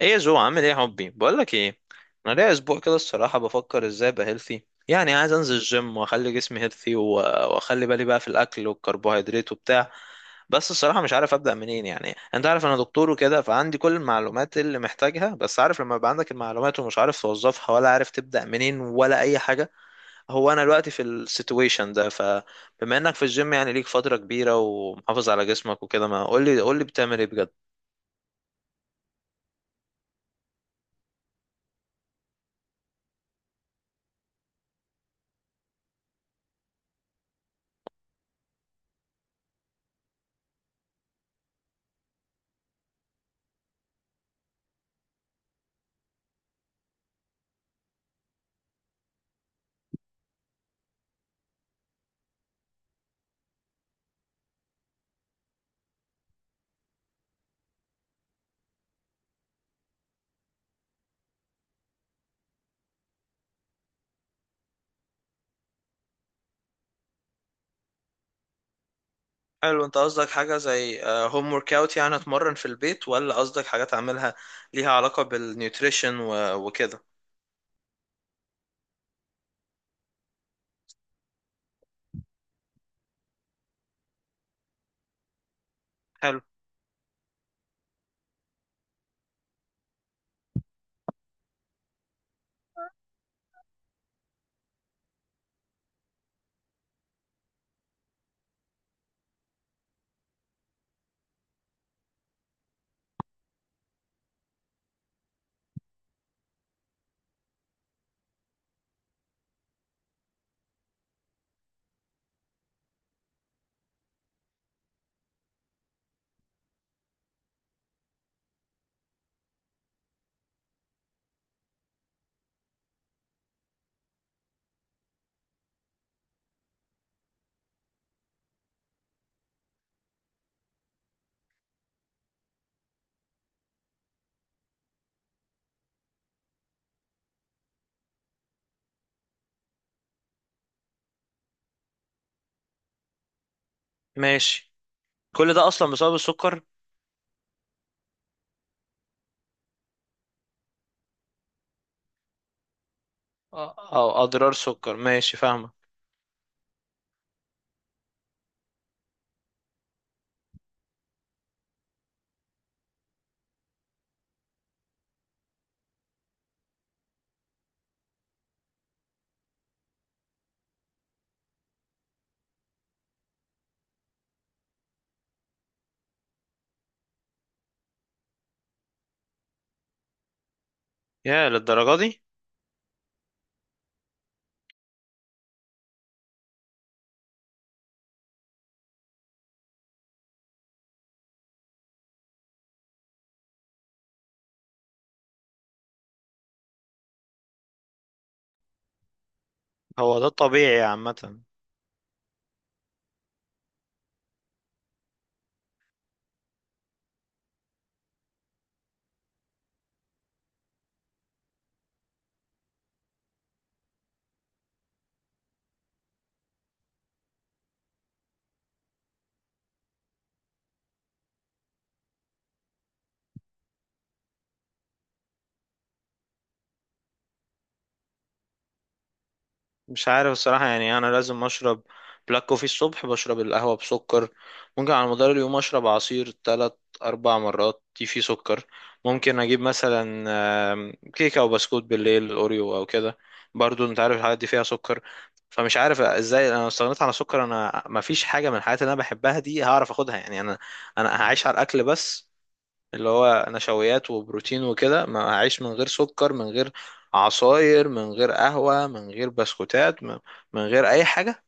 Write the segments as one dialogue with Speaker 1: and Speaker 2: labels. Speaker 1: ايه يا جو؟ عامل ايه يا حبي؟ بقول لك ايه. انا ليا اسبوع كده، الصراحه بفكر ازاي ابقى هيلثي. يعني عايز انزل الجيم واخلي جسمي هيلثي، واخلي بالي بقى في الاكل والكربوهيدرات وبتاع. بس الصراحه مش عارف ابدا منين. يعني انت عارف انا دكتور وكده، فعندي كل المعلومات اللي محتاجها، بس عارف لما يبقى عندك المعلومات ومش عارف توظفها، ولا عارف تبدا منين ولا اي حاجه. هو انا دلوقتي في السيتويشن ده. فبما انك في الجيم يعني ليك فتره كبيره ومحافظ على جسمك وكده، ما قول لي قول لي بتعمل ايه؟ حلو. انت قصدك حاجة زي هوم ورك اوت، يعني اتمرن في البيت؟ ولا قصدك حاجات اعملها ليها علاقة بالنيوتريشن و- وكده؟ حلو. ماشي. كل ده اصلا بسبب السكر؟ اه، او اضرار السكر، ماشي، فاهمة. يا للدرجة دي؟ هو ده الطبيعي عامة؟ مش عارف الصراحة. يعني أنا لازم أشرب بلاك كوفي الصبح، بشرب القهوة بسكر. ممكن على مدار اليوم أشرب عصير تلات أربع مرات، دي فيه سكر. ممكن أجيب مثلا كيكة أو بسكوت بالليل، أوريو أو كده. برضو أنت عارف الحاجات دي فيها سكر. فمش عارف إزاي أنا استغنيت عن السكر. أنا مفيش حاجة من الحاجات اللي أنا بحبها دي هعرف أخدها. يعني أنا هعيش على الأكل بس، اللي هو نشويات وبروتين وكده، ما هعيش من غير سكر، من غير عصاير، من غير قهوة، من غير بسكوتات، من غير أي حاجة.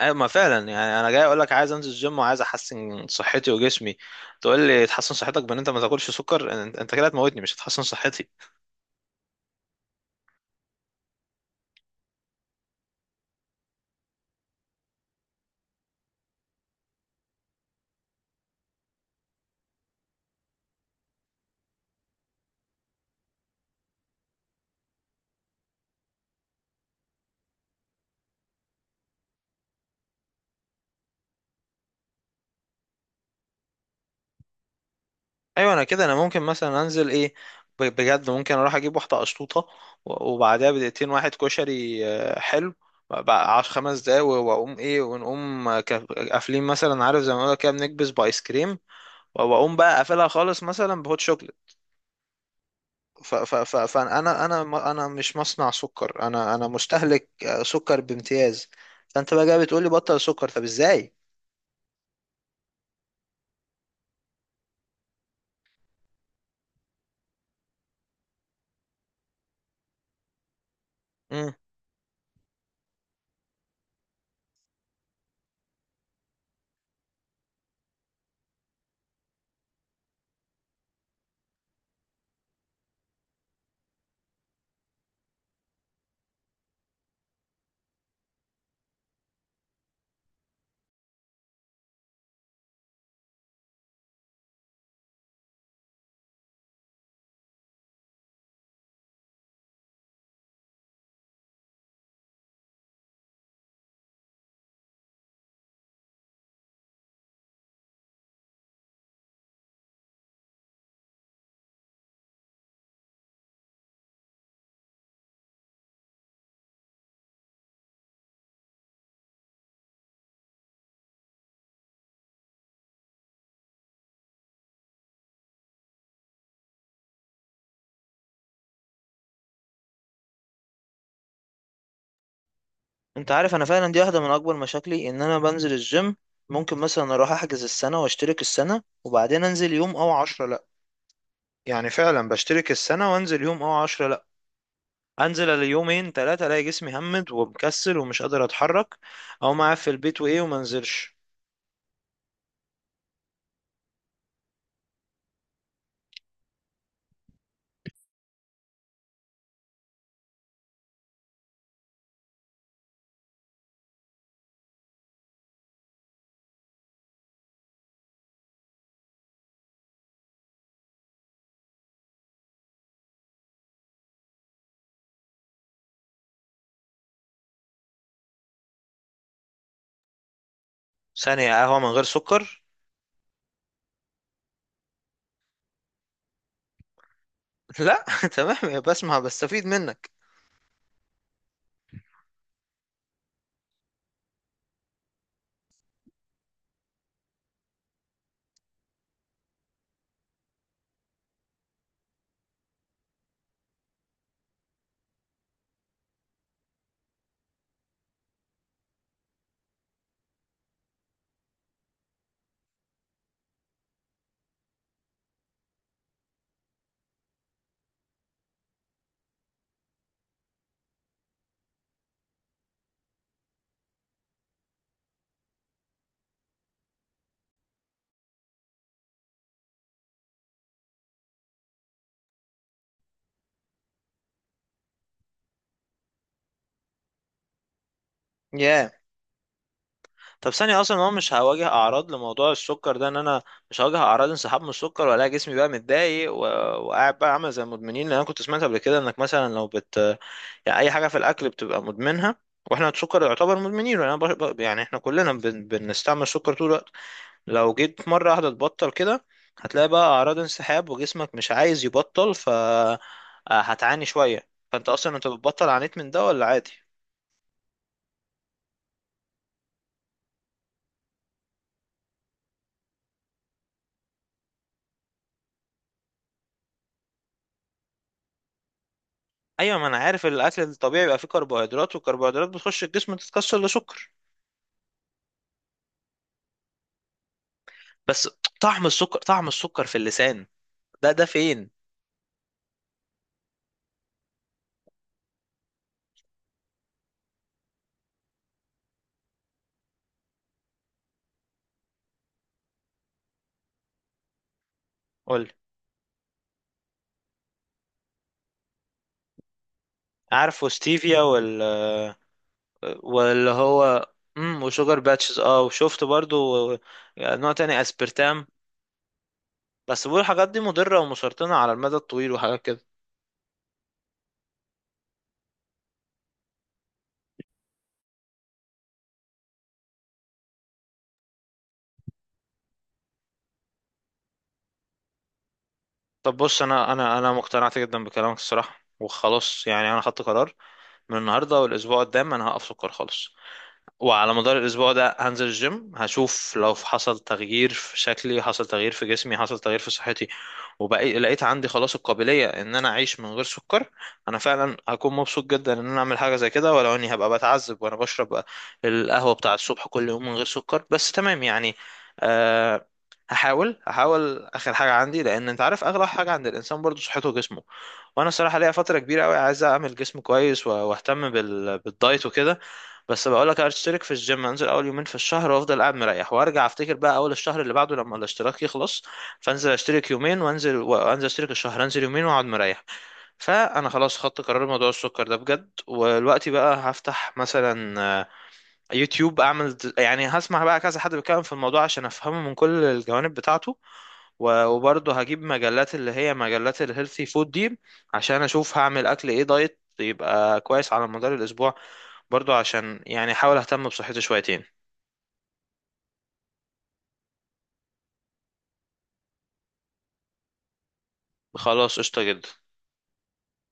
Speaker 1: أيوة، ما فعلا يعني أنا جاي أقول لك عايز أنزل الجيم وعايز أحسن صحتي وجسمي. تقول لي تحسن صحتك بإن أنت ما تاكلش سكر؟ أنت كده هتموتني، مش هتحسن صحتي. ايوه انا كده، انا ممكن مثلا انزل ايه، بجد ممكن اروح اجيب واحده قشطوطه، و- وبعدها بدقيقتين واحد كشري، حلو بقى عشر خمس دقايق، و- واقوم ايه، ونقوم قافلين مثلا، عارف زي ما بقول كده، بنكبس بايس كريم، و- واقوم بقى قافلها خالص مثلا بهوت شوكليت. فانا انا مش مصنع سكر، انا مستهلك سكر بامتياز. فانت بقى جاي بتقول لي بطل سكر؟ طب ازاي؟ انت عارف، انا فعلا دي واحده من اكبر مشاكلي، ان انا بنزل الجيم، ممكن مثلا اروح احجز السنه واشترك السنه وبعدين انزل يوم او عشرة، لا. يعني فعلا بشترك السنه وانزل يوم او عشرة، لا. انزل اليومين ثلاثه، الاقي جسمي همد ومكسل ومش قادر اتحرك. او معاه في البيت وايه وما انزلش. ثانيه؟ قهوه من غير سكر؟ لا. تمام، بسمع، بستفيد منك. ياه. طب ثانية، أصلا هو مش هواجه أعراض لموضوع السكر ده؟ إن أنا مش هواجه أعراض انسحاب من السكر، ولا جسمي بقى متضايق و... وقاعد بقى عامل زي المدمنين، لأن أنا كنت سمعت قبل كده إنك مثلا لو بت يعني أي حاجة في الأكل بتبقى مدمنها، وإحنا السكر يعتبر مدمنين، وأنا يعني إحنا كلنا بنستعمل السكر طول الوقت. لو جيت مرة واحدة تبطل كده، هتلاقي بقى أعراض انسحاب، وجسمك مش عايز يبطل، ف آه، هتعاني شوية. فأنت أصلا أنت بتبطل عانيت من ده ولا عادي؟ ايوه، ما انا عارف، الاكل الطبيعي بيبقى فيه كربوهيدرات، والكربوهيدرات بتخش الجسم تتكسر لسكر. بس طعم السكر، طعم السكر في اللسان ده فين؟ قول. عارف، وستيفيا وال واللي هو. وشوجر باتشز، وشفت برضو نوع تاني، اسبرتام. بس بيقولوا الحاجات دي مضرة ومسرطنة على المدى الطويل، وحاجات كده. طب بص، انا مقتنعت جدا بكلامك الصراحة، وخلاص يعني انا خدت قرار. من النهارده والاسبوع قدام انا هقف سكر خالص. وعلى مدار الأسبوع ده هنزل الجيم، هشوف لو حصل تغيير في شكلي، حصل تغيير في جسمي، حصل تغيير في صحتي. وبقيت لقيت عندي خلاص القابلية إن أنا أعيش من غير سكر. أنا فعلا هكون مبسوط جدا إن أنا أعمل حاجة زي كده، ولو إني هبقى بتعذب وأنا بشرب القهوة بتاع الصبح كل يوم من غير سكر، بس تمام يعني. أه. هحاول هحاول آخر حاجة عندي، لأن أنت عارف أغلى حاجة عند الإنسان برضه صحته وجسمه. وانا الصراحه ليا فتره كبيره قوي عايز اعمل جسم كويس و- واهتم بالدايت وكده. بس بقول لك، اشترك في الجيم، انزل اول يومين في الشهر وافضل قاعد مريح، وارجع افتكر بقى اول الشهر اللي بعده لما الاشتراك يخلص. فانزل اشترك يومين وانزل اشترك الشهر، انزل يومين واقعد مريح. فانا خلاص خدت قرار موضوع السكر ده بجد، ودلوقتي بقى هفتح مثلا يوتيوب، اعمل يعني هسمع بقى كذا حد بيتكلم في الموضوع عشان افهمه من كل الجوانب بتاعته. و- وبرضه هجيب مجلات اللي هي مجلات الهيلثي فود دي. عشان اشوف هعمل اكل ايه دايت يبقى كويس على مدار الاسبوع. برضه عشان يعني احاول اهتم بصحتي شويتين. خلاص، قشطة جدا.